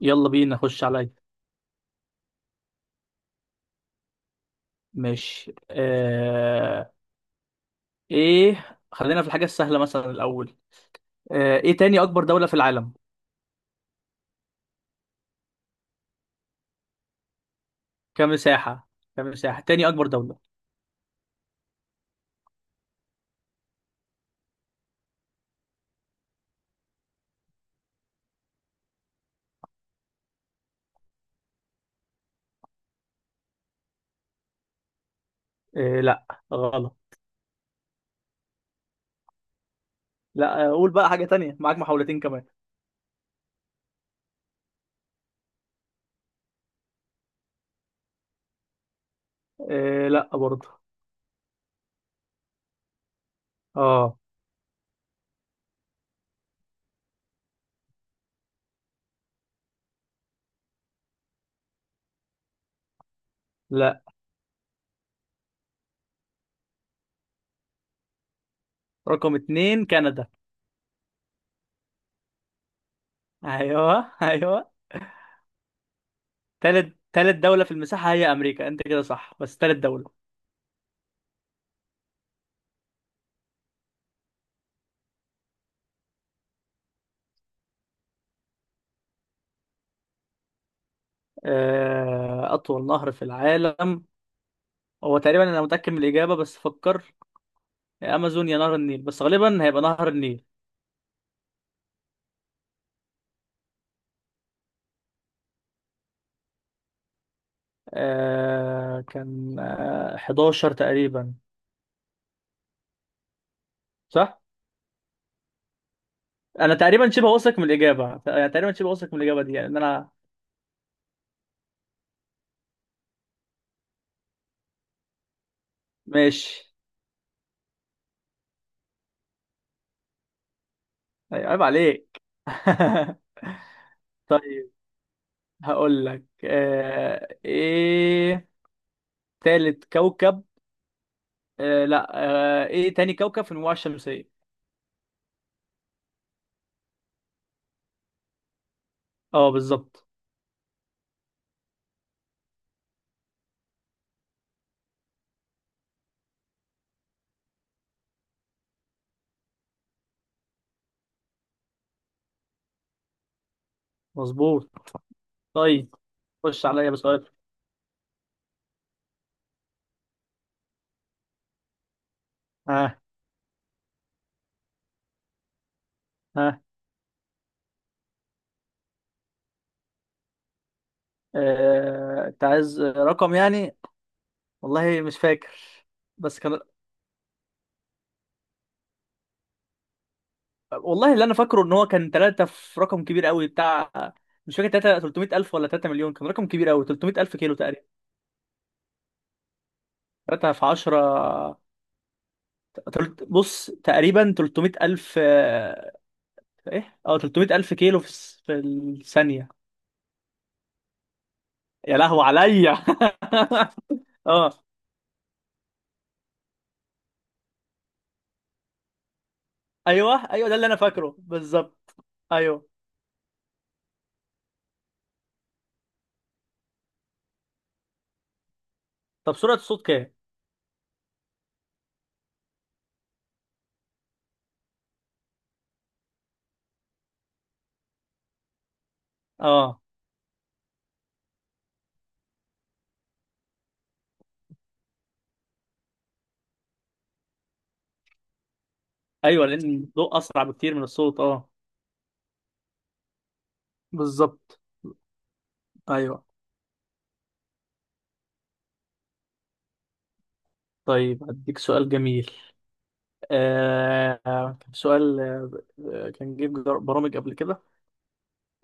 يلا بينا نخش عليا. ماشي. ايه، خلينا في الحاجة السهلة مثلا الأول. ايه، تاني أكبر دولة في العالم؟ كمساحة. كمساحة، تاني أكبر دولة. لا، غلط. لا، قول بقى حاجة تانية، معاك محاولتين كمان. لا برضه. اه، لا. رقم اتنين كندا. ايوه، ايوه. تالت دولة في المساحة هي أمريكا، أنت كده صح، بس تالت دولة. أطول نهر في العالم. هو تقريبا أنا متأكد من الإجابة، بس فكر. يا امازون يا نهر النيل، بس غالبا هيبقى نهر النيل. كان 11 تقريبا. صح. انا تقريبا شبه واثق من الاجابه، يعني تقريبا شبه واثق من الاجابه دي، يعني ان انا... ماشي. أيوة، عيب عليك. طيب. هقول لك، ايه، تالت كوكب. آه، لا. ايه، تاني كوكب في المجموعه الشمسيه. اه، بالظبط. مظبوط. طيب. خش عليا بسؤال. ها. ها. انت عايز رقم يعني؟ والله مش فاكر، بس كان... والله اللي انا فاكره ان هو كان ثلاثة في رقم كبير قوي بتاع... مش فاكر، 3 300 الف ولا 3 مليون، كان رقم كبير قوي، 300 الف كيلو تقريبا. 3 في 10. بص، تقريبا 300 الف، ايه، اه، 300 الف كيلو في في الثانية. يا لهو عليا. اه، ايوه ايوه، ده اللي انا فاكره بالظبط. ايوه. طب سرعة الصوت كام؟ اه، ايوه، لان الضوء اسرع بكتير من الصوت، اه. بالظبط. ايوه. طيب، هديك سؤال جميل. سؤال... كان برامج قبل كده،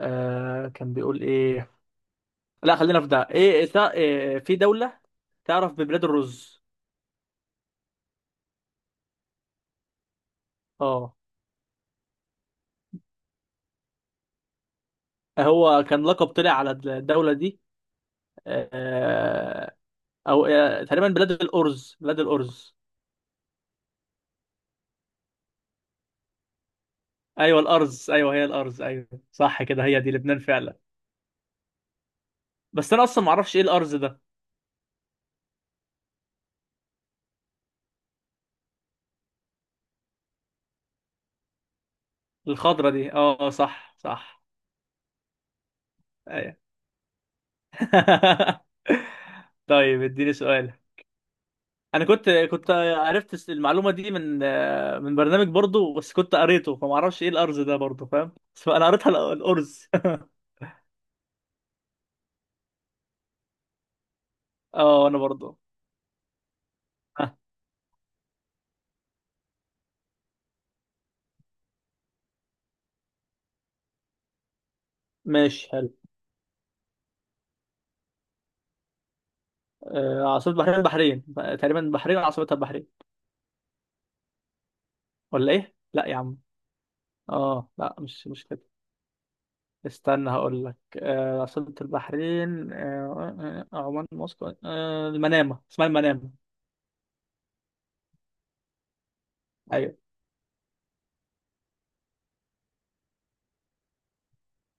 كان بيقول ايه؟ لا، خلينا في ده، ايه، إيه، في دولة تعرف ببلاد الرز؟ اه. هو كان لقب طلع على الدولة دي. آه او، تقريبا بلاد الأرز، بلاد الأرز. ايوه الأرز، ايوه هي الأرز، ايوه صح كده، هي دي لبنان فعلا. بس انا اصلا ما اعرفش ايه الأرز ده. الخضرة دي، اه، صح صح. أيوة. طيب اديني سؤال. انا كنت عرفت المعلومه دي من... من برنامج برضو، بس كنت قريته فما اعرفش ايه الارز ده برضو، فاهم، بس انا قريتها الارز. اه، انا برضو. آه ماشي حلو. عاصمه بحرين؟ البحرين تقريبا، البحرين عاصمتها البحرين. ولا ايه؟ لا يا عم. اه، لا، مش كده. استنى هقول لك، عاصمه البحرين، عمان، موسكو، المنامه، اسمها المنامه. ايوه.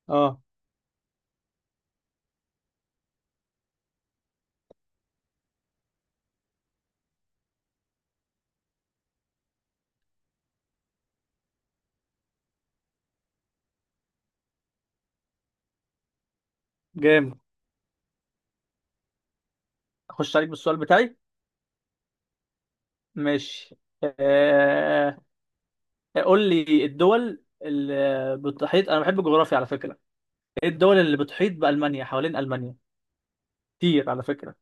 اه، جامد. اخش عليك بالسؤال بتاعي. ماشي. آه، قول لي الدول اللي بتحيط، انا بحب الجغرافيا على فكره. ايه الدول اللي بتحيط بالمانيا؟ حوالين المانيا كتير على فكره.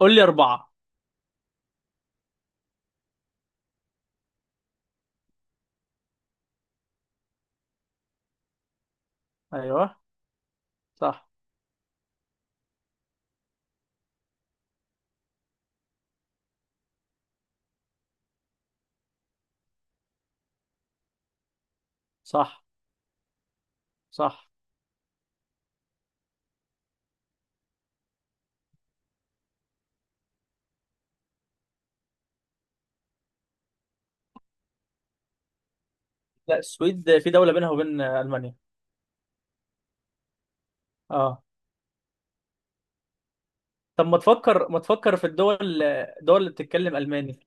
قول لي اربعه. ايوه. صح. صح. صح. لا، السويد في دوله بينها وبين المانيا. اه. طب، ما تفكر في الدول اللي بتتكلم الماني،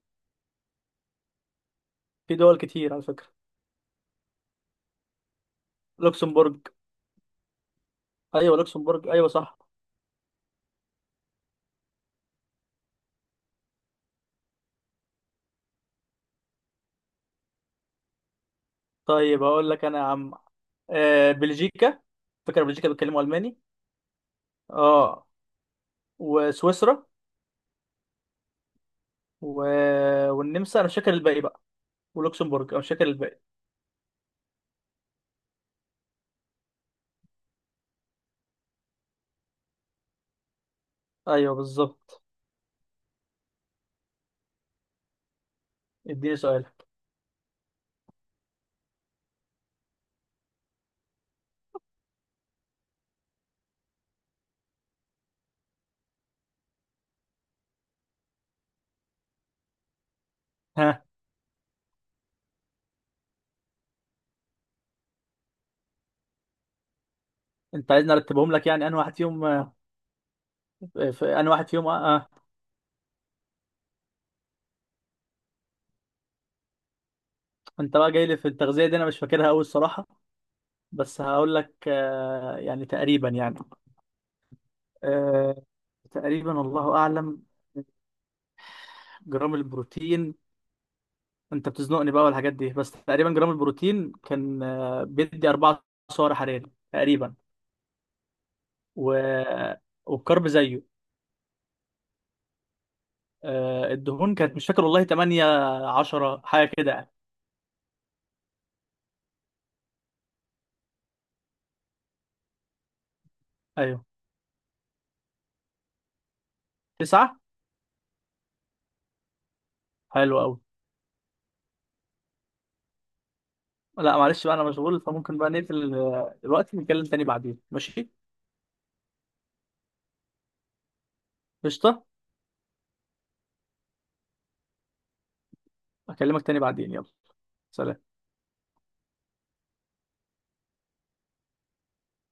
في دول كتير على فكره. لوكسمبورغ. ايوه لوكسمبورغ، ايوه صح. طيب اقول لك انا يا عم، بلجيكا، فكره بلجيكا بيتكلموا الماني. اه. وسويسرا و... والنمسا، انا مش فاكر الباقي بقى. ولوكسمبورج، انا مش فاكر الباقي. ايوه، بالظبط. اديني سؤال. ها. انت عايزني ارتبهم لك يعني؟ انا واحد فيهم، في، انا واحد فيهم. انت بقى جاي لي في التغذيه دي، انا مش فاكرها قوي الصراحه، بس هقول لك، يعني تقريبا يعني آه، تقريبا الله اعلم. جرام البروتين... انت بتزنقني بقى والحاجات دي، بس تقريبا جرام البروتين كان، بيدي اربعة سعر حراري تقريبا. و... والكرب زيه. الدهون، كانت مش فاكر والله، 8 10 حاجه كده يعني. ايوه. 9. حلو قوي. لا معلش بقى، انا مشغول، فممكن بقى نقفل دلوقتي، نتكلم تاني بعدين، ماشي. قشطه. اكلمك تاني بعدين، يلا. سلام.